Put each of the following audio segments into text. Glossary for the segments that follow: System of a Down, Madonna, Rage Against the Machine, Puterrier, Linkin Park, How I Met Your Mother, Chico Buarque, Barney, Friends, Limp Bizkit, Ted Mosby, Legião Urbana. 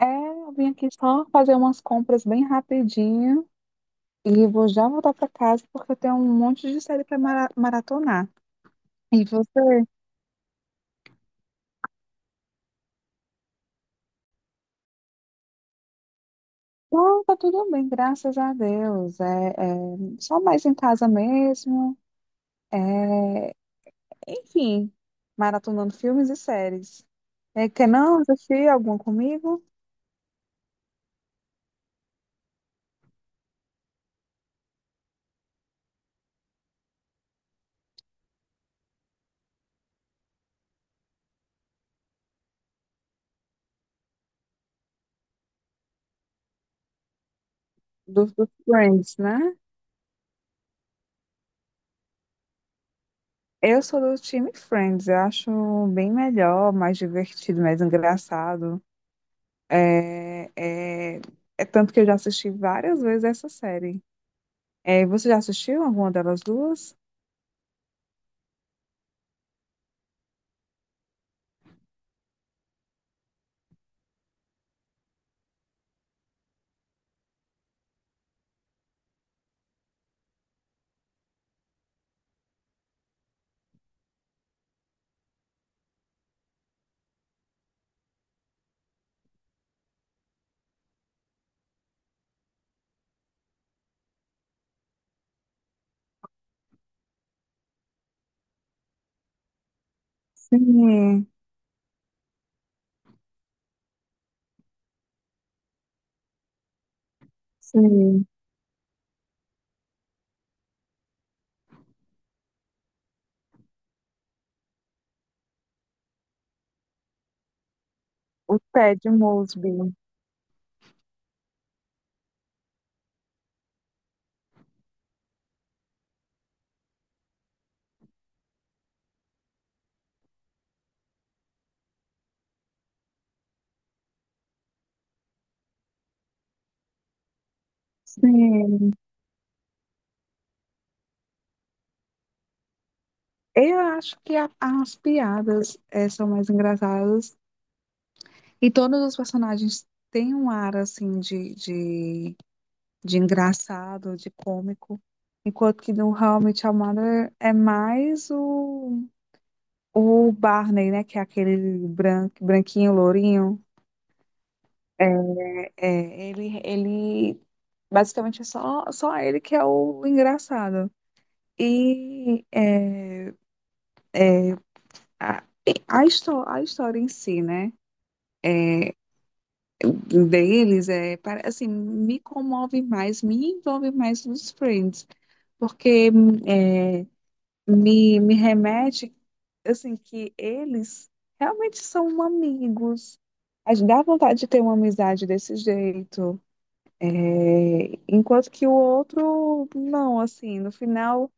É, eu vim aqui só fazer umas compras bem rapidinho e vou já voltar para casa porque eu tenho um monte de série para maratonar. E você? Não, tá tudo bem, graças a Deus. É, é só mais em casa mesmo. É, enfim, maratonando filmes e séries. É, quer não assistir algum comigo? Dos do Friends, né? Eu sou do time Friends, eu acho bem melhor, mais divertido, mais engraçado. É, é, é tanto que eu já assisti várias vezes essa série. É, você já assistiu alguma delas duas? Sim, sim, o Ted Mosby. Sim. Eu acho que as piadas são mais engraçadas e todos os personagens têm um ar assim de, de engraçado, de cômico, enquanto que no How I Met Your Mother é mais o Barney, né, que é aquele branco, branquinho, lourinho. É, ele basicamente é só, só ele que é o engraçado. E é, a, a história em si, né? É, deles é assim, me comove mais, me envolve mais nos Friends, porque é, me remete assim que eles realmente são amigos. A gente dá vontade de ter uma amizade desse jeito. É, enquanto que o outro, não, assim, no final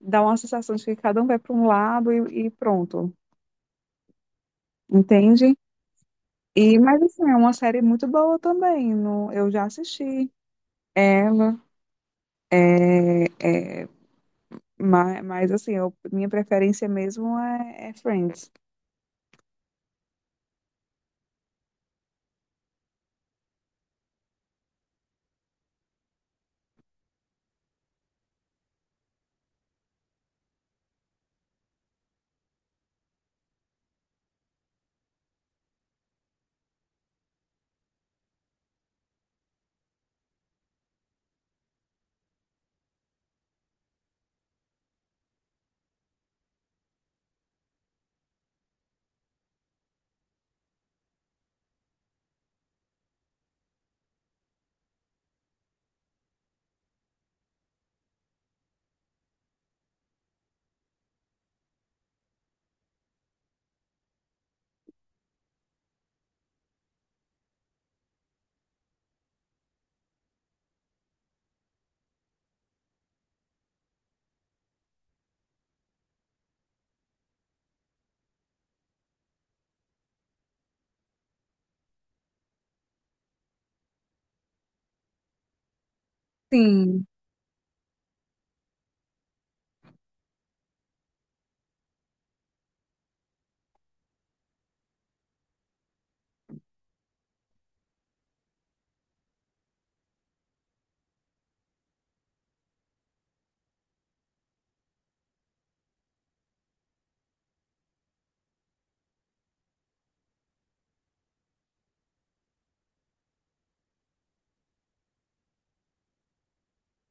dá uma sensação de que cada um vai para um lado e pronto, entende? E, mas assim, é uma série muito boa também, não, eu já assisti ela, mas assim, minha preferência mesmo é Friends. Sim,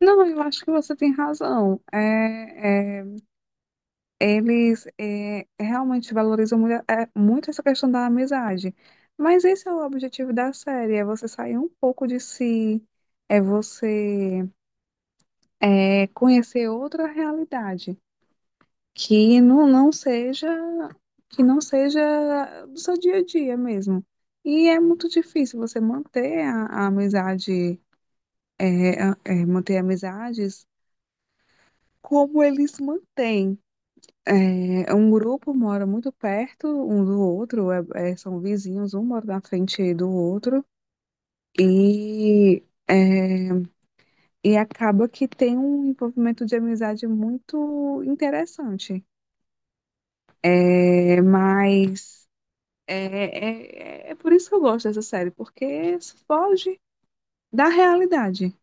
não, eu acho que você tem razão. É, eles realmente valorizam muito, muito essa questão da amizade. Mas esse é o objetivo da série, é você sair um pouco de si, é você conhecer outra realidade que não, não seja que não seja do seu dia a dia mesmo. E é muito difícil você manter a amizade, manter amizades como eles mantêm. É, um grupo mora muito perto um do outro, são vizinhos, um mora na frente do outro, e, é, e acaba que tem um envolvimento de amizade muito interessante. É, mas por isso que eu gosto dessa série, porque foge da realidade.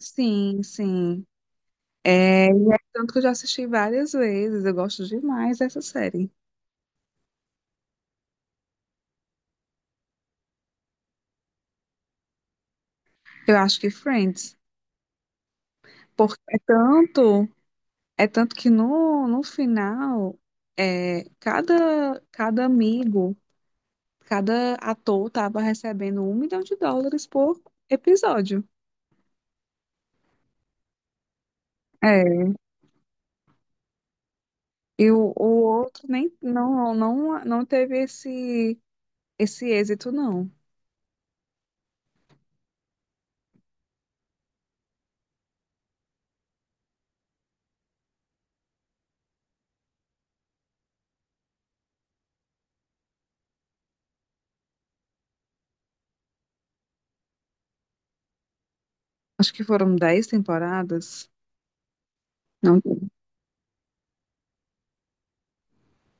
Sim, sim. É, e é tanto que eu já assisti várias vezes, eu gosto demais dessa série. Eu acho que Friends. Porque é tanto. É tanto que no final, cada amigo, cada ator tava recebendo 1 milhão de dólares por episódio. É, e o outro nem não teve esse, esse êxito, não. Acho que foram 10 temporadas. Não,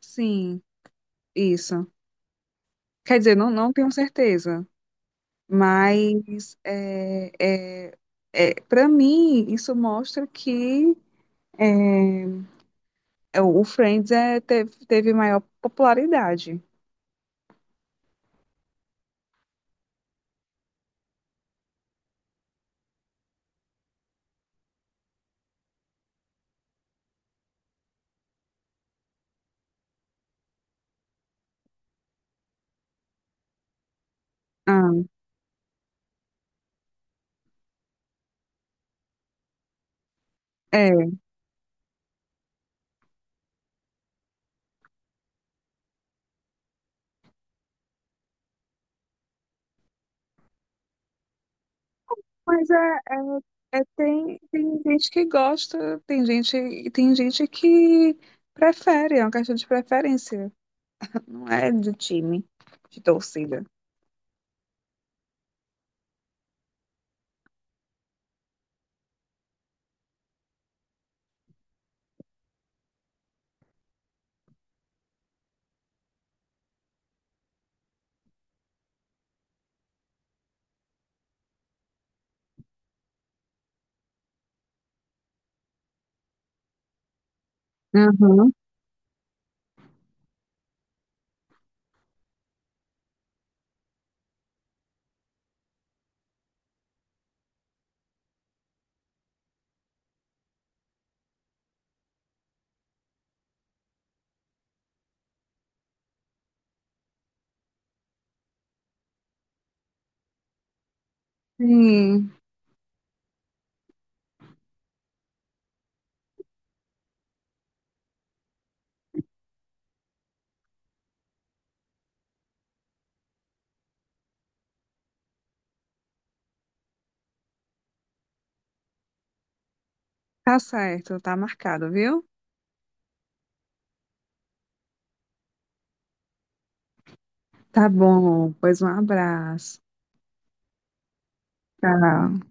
sim, isso. Quer dizer, não tenho certeza, mas é, para mim isso mostra que é. É, o Friends é, teve maior popularidade. Ah, é. Mas tem gente que gosta, tem gente que prefere, é uma questão de preferência. Não é do time, de torcida. Uhum. Sim, tá certo, tá marcado, viu? Tá bom, pois um abraço. Tchau.